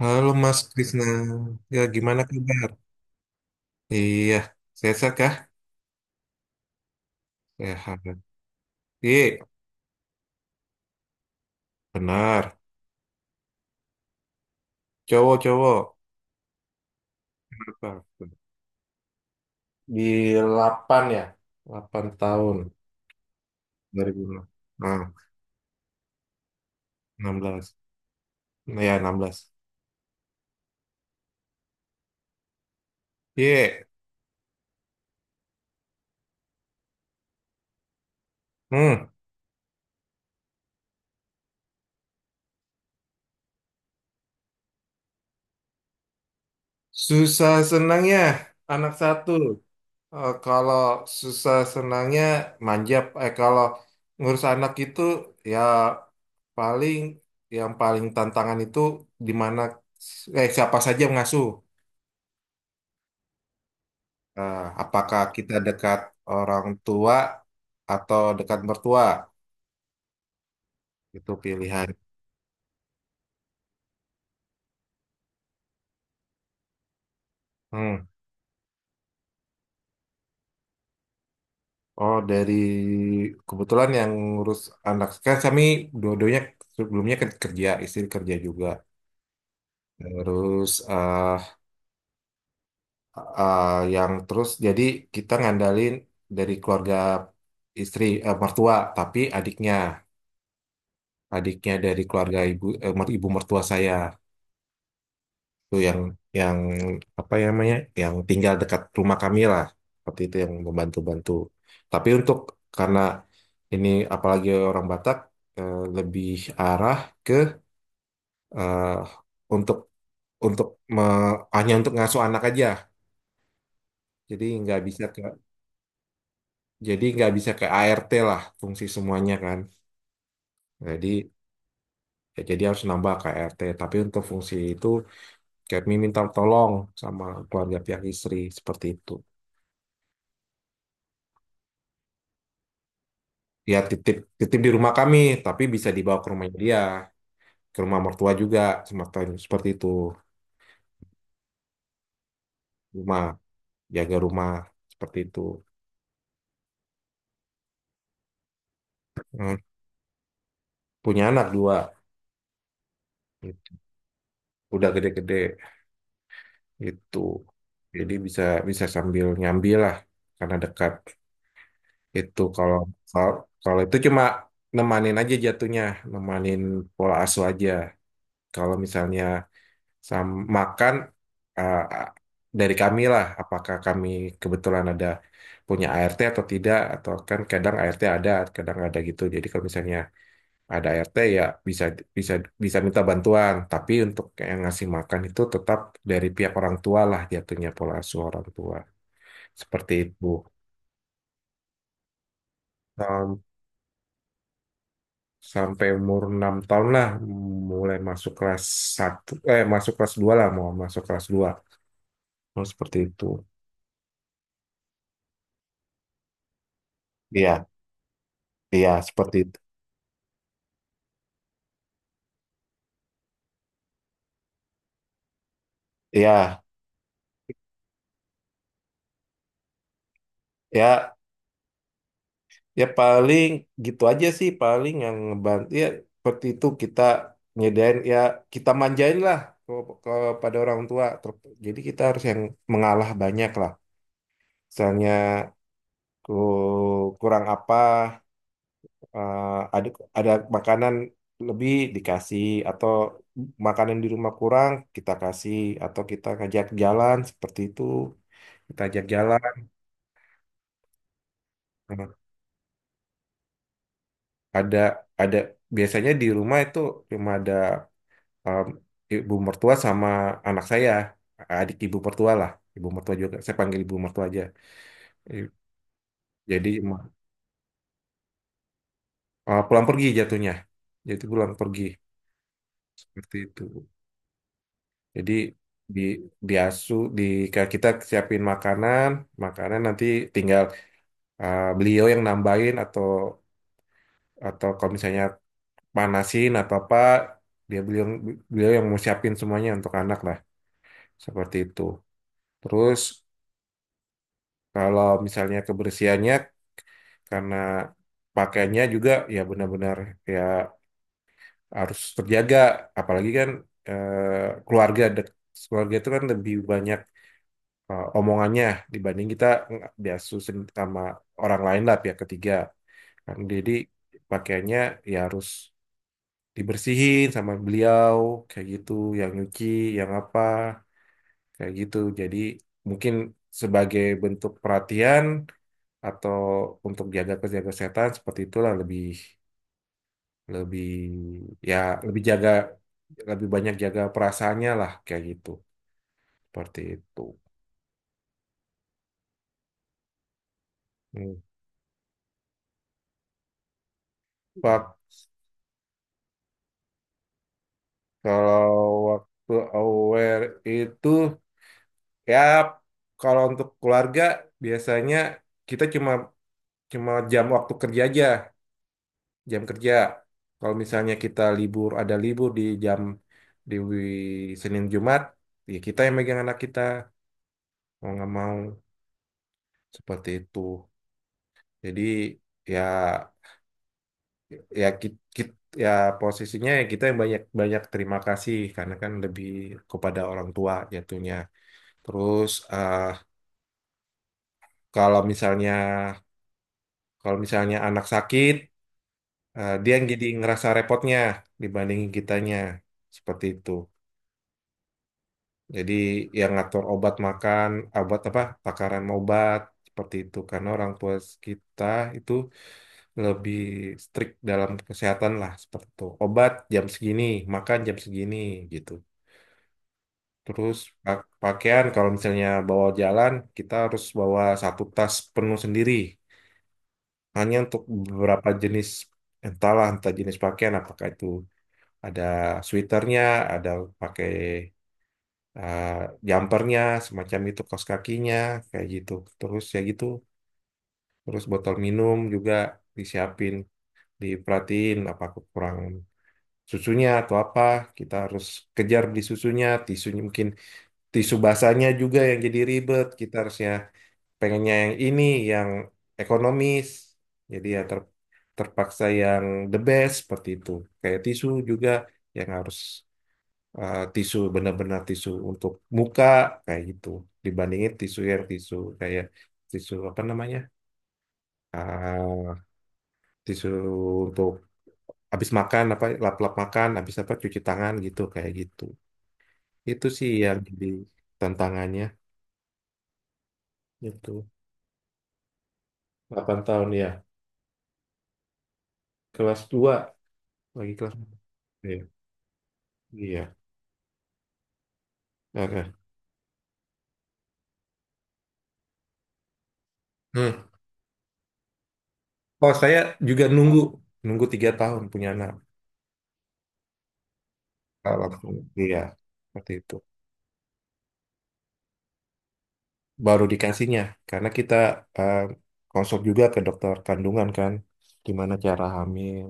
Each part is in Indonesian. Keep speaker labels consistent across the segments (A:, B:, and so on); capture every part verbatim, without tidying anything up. A: Halo Mas Krisna, ya gimana kabar? Iya, sehat-sehat kah? Sehat. Iya, benar. Cowok-cowok. Kenapa? Di Delapan ya? Delapan tahun. dua ribu enam. Nah, enam belas. Nah, ya, enam belas. Iya. Hmm. Susah senangnya anak satu. Eh, kalau susah senangnya manjap. Eh kalau ngurus anak itu, ya paling yang paling tantangan itu di mana, eh siapa saja yang mengasuh. Eh, apakah kita dekat orang tua atau dekat mertua? Itu pilihan. Hmm. Oh, dari kebetulan yang ngurus anak kan kami dua-duanya, sebelumnya kan kerja, istri kerja juga. Terus, eh eh, yang terus jadi kita ngandalin dari keluarga istri, eh, mertua, tapi adiknya adiknya dari keluarga ibu, eh, mer- ibu mertua saya tuh yang yang apa ya namanya, yang tinggal dekat rumah kami lah, seperti itu yang membantu-bantu. Tapi untuk, karena ini, apalagi orang Batak, eh, lebih arah ke, eh, untuk untuk me- hanya untuk ngasuh anak aja. Jadi nggak bisa ke jadi nggak bisa ke A R T lah, fungsi semuanya kan, jadi ya jadi harus nambah ke A R T, tapi untuk fungsi itu kami minta tolong sama keluarga pihak istri, seperti itu. Ya, titip titip di rumah kami, tapi bisa dibawa ke rumah dia, ke rumah mertua juga, semacam seperti itu. Rumah, jaga rumah, seperti itu. Hmm, punya anak dua gitu. Udah gede-gede itu, jadi bisa bisa sambil nyambi lah, karena dekat. Itu kalau kalau kalau itu cuma nemanin aja jatuhnya, nemanin pola asuh aja. Kalau misalnya sama makan, eh, dari kami lah, apakah kami kebetulan ada punya A R T atau tidak, atau kan kadang A R T ada, kadang nggak ada gitu. Jadi kalau misalnya ada A R T, ya bisa bisa bisa minta bantuan, tapi untuk yang ngasih makan itu tetap dari pihak orang tua lah, jatuhnya pola asuh orang tua. Seperti itu. Sampai umur enam tahun lah, mulai masuk kelas satu, eh, masuk kelas dua lah, mau masuk kelas dua, oh, seperti itu. Iya, iya, seperti itu. Iya. Ya, ya, paling gitu aja sih, paling yang ngebantu ya, seperti itu, kita nyedain ya, kita manjain lah ke- kepada orang tua. Ter- jadi kita harus yang mengalah banyak lah, misalnya ku- kurang apa, eh, ada ada makanan lebih dikasih, atau makanan di rumah kurang kita kasih, atau kita ngajak jalan seperti itu, kita ajak jalan. Nah, ada ada biasanya di rumah itu cuma ada, em, ibu mertua sama anak saya, adik ibu mertua lah, ibu mertua juga saya panggil ibu mertua aja. I- jadi, em, eh, pulang pergi jatuhnya, jadi pulang pergi, seperti itu. Jadi di diasu di kayak kita siapin makanan, makanan nanti tinggal eh, beliau yang nambahin, atau atau kalau misalnya panasin atau apa, dia beliau beliau yang mau siapin semuanya untuk anak lah, seperti itu. Terus kalau misalnya kebersihannya, karena pakainya juga ya benar-benar, ya harus terjaga, apalagi kan eh, keluarga dek- keluarga itu kan lebih banyak eh, omongannya dibanding kita biasus sama orang lain lah, pihak ketiga kan, jadi pakaiannya ya harus dibersihin sama beliau, kayak gitu, yang nyuci, yang apa, kayak gitu. Jadi mungkin sebagai bentuk perhatian, atau untuk jaga jaga kesehatan seperti itulah, lebih lebih ya lebih jaga, lebih banyak jaga perasaannya lah, kayak gitu, seperti itu. Hmm. Pak. Kalau waktu aware itu, ya kalau untuk keluarga, biasanya kita cuma cuma jam waktu kerja aja, jam kerja. Kalau misalnya kita libur, ada libur di jam, di wi- Senin Jumat, ya kita yang megang anak kita, mau nggak mau, seperti itu. Jadi ya, ya ki- ki- ya posisinya, ya kita yang banyak banyak terima kasih, karena kan lebih kepada orang tua jatuhnya. Terus, eh, Kalau misalnya kalau misalnya anak sakit, eh, dia yang jadi ngerasa repotnya dibandingin kitanya. Seperti itu. Jadi yang ngatur obat makan, obat apa, takaran obat, seperti itu. Karena orang tua kita itu lebih strict dalam kesehatan lah, seperti itu. Obat jam segini, makan jam segini, gitu. Terus pa- pakaian, kalau misalnya bawa jalan, kita harus bawa satu tas penuh sendiri. Hanya untuk beberapa jenis, entahlah, entah jenis pakaian, apakah itu ada sweaternya, ada pakai eh, jumpernya, semacam itu kaos kakinya, kayak gitu. Terus ya gitu, terus botol minum juga disiapin, diperhatiin apa kekurangan susunya atau apa, kita harus kejar beli susunya. Tisunya mungkin, tisu basahnya juga yang jadi ribet, kita harusnya pengennya yang ini, yang ekonomis, jadi ya ter- terpaksa yang the best, seperti itu. Kayak tisu juga yang harus, eh, tisu benar-benar tisu untuk muka, kayak gitu, dibandingin tisu yang tisu, kayak tisu apa namanya, ah tisu untuk habis makan apa, lap-lap makan habis apa cuci tangan gitu, kayak gitu, itu sih yang jadi tantangannya itu. Delapan tahun ya, kelas dua, lagi kelas iya, iya. Oke. Hmm. Kalau saya juga nunggu, nunggu tiga tahun punya anak. Ah, langsung, iya, seperti itu. Baru dikasihnya, karena kita eh, konsul juga ke dokter kandungan kan, gimana cara hamil,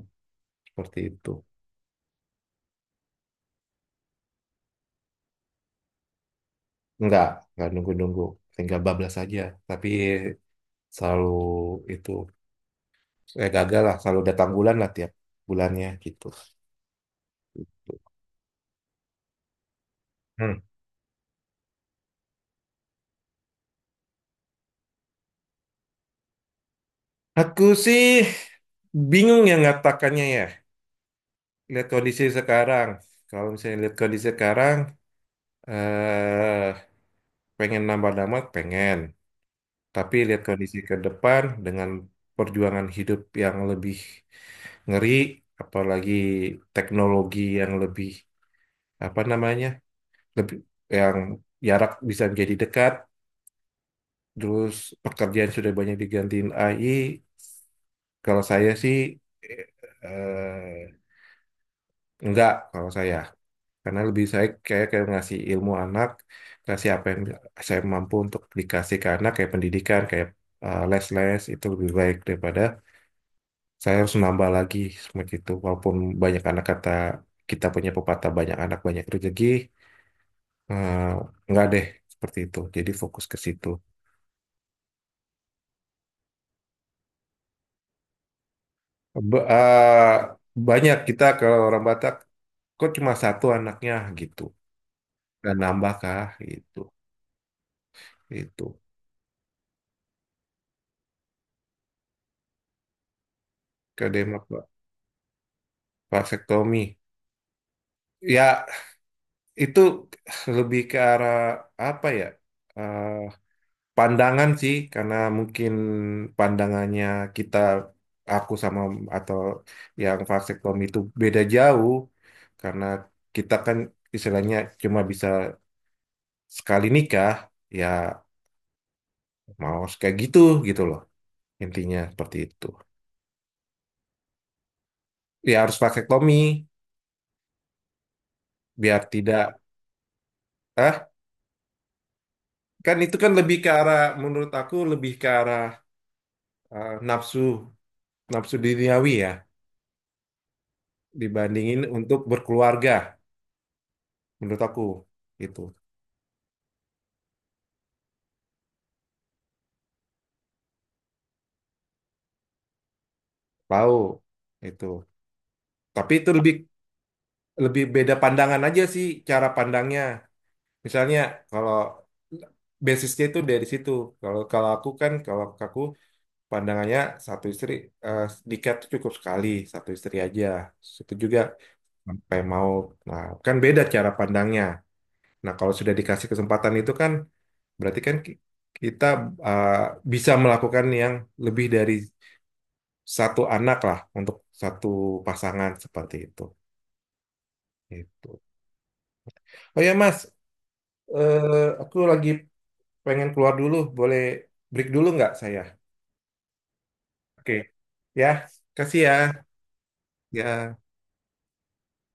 A: seperti itu. Enggak, enggak nunggu-nunggu, tinggal bablas aja. Tapi selalu itu, saya gagal lah, selalu datang bulan lah tiap bulannya gitu. Hmm. Aku sih bingung ya ngatakannya ya, lihat kondisi sekarang. Kalau misalnya lihat kondisi sekarang, eh pengen nambah nama, pengen. Tapi lihat kondisi ke depan dengan perjuangan hidup yang lebih ngeri, apalagi teknologi yang lebih apa namanya, lebih yang jarak bisa menjadi dekat. Terus pekerjaan sudah banyak digantiin A I. Kalau saya sih, eh, eh, enggak, kalau saya. Karena lebih saya kayak kayak ngasih ilmu anak, kasih apa yang saya mampu untuk dikasih ke anak, kayak pendidikan, kayak eh, les-les, itu lebih baik daripada saya harus nambah lagi, seperti itu. Walaupun banyak anak, kata kita punya pepatah banyak anak banyak rezeki, eh, enggak deh, seperti itu. Jadi fokus ke situ. Ba- eh, Banyak kita, kalau orang Batak, kok cuma satu anaknya gitu, dan nambah kah gitu, itu. Kedema pak. Vasektomi ya, itu lebih ke arah apa ya? eh, Pandangan sih, karena mungkin pandangannya kita, aku sama atau yang vasektomi itu beda jauh, karena kita kan istilahnya cuma bisa sekali nikah, ya mau kayak gitu gitu loh, intinya seperti itu. Ya harus vasektomi biar tidak, ah kan itu kan lebih ke arah, menurut aku lebih ke arah, eh, nafsu nafsu duniawi ya, dibandingin untuk berkeluarga, menurut aku gitu. Tahu itu, tapi itu lebih lebih beda pandangan aja sih cara pandangnya. Misalnya kalau basisnya itu dari situ, kalau kalau aku kan kalau aku pandangannya satu istri, eh, nikah tuh cukup sekali, satu istri aja, itu juga sampai mau. Nah kan beda cara pandangnya. Nah kalau sudah dikasih kesempatan itu kan, berarti kan ki- kita, eh, bisa melakukan yang lebih dari satu anak lah untuk satu pasangan, seperti itu. Itu. Oh ya Mas, eh, aku lagi pengen keluar dulu. Boleh break dulu nggak saya? Oke. Ya, kasih ya. Ya.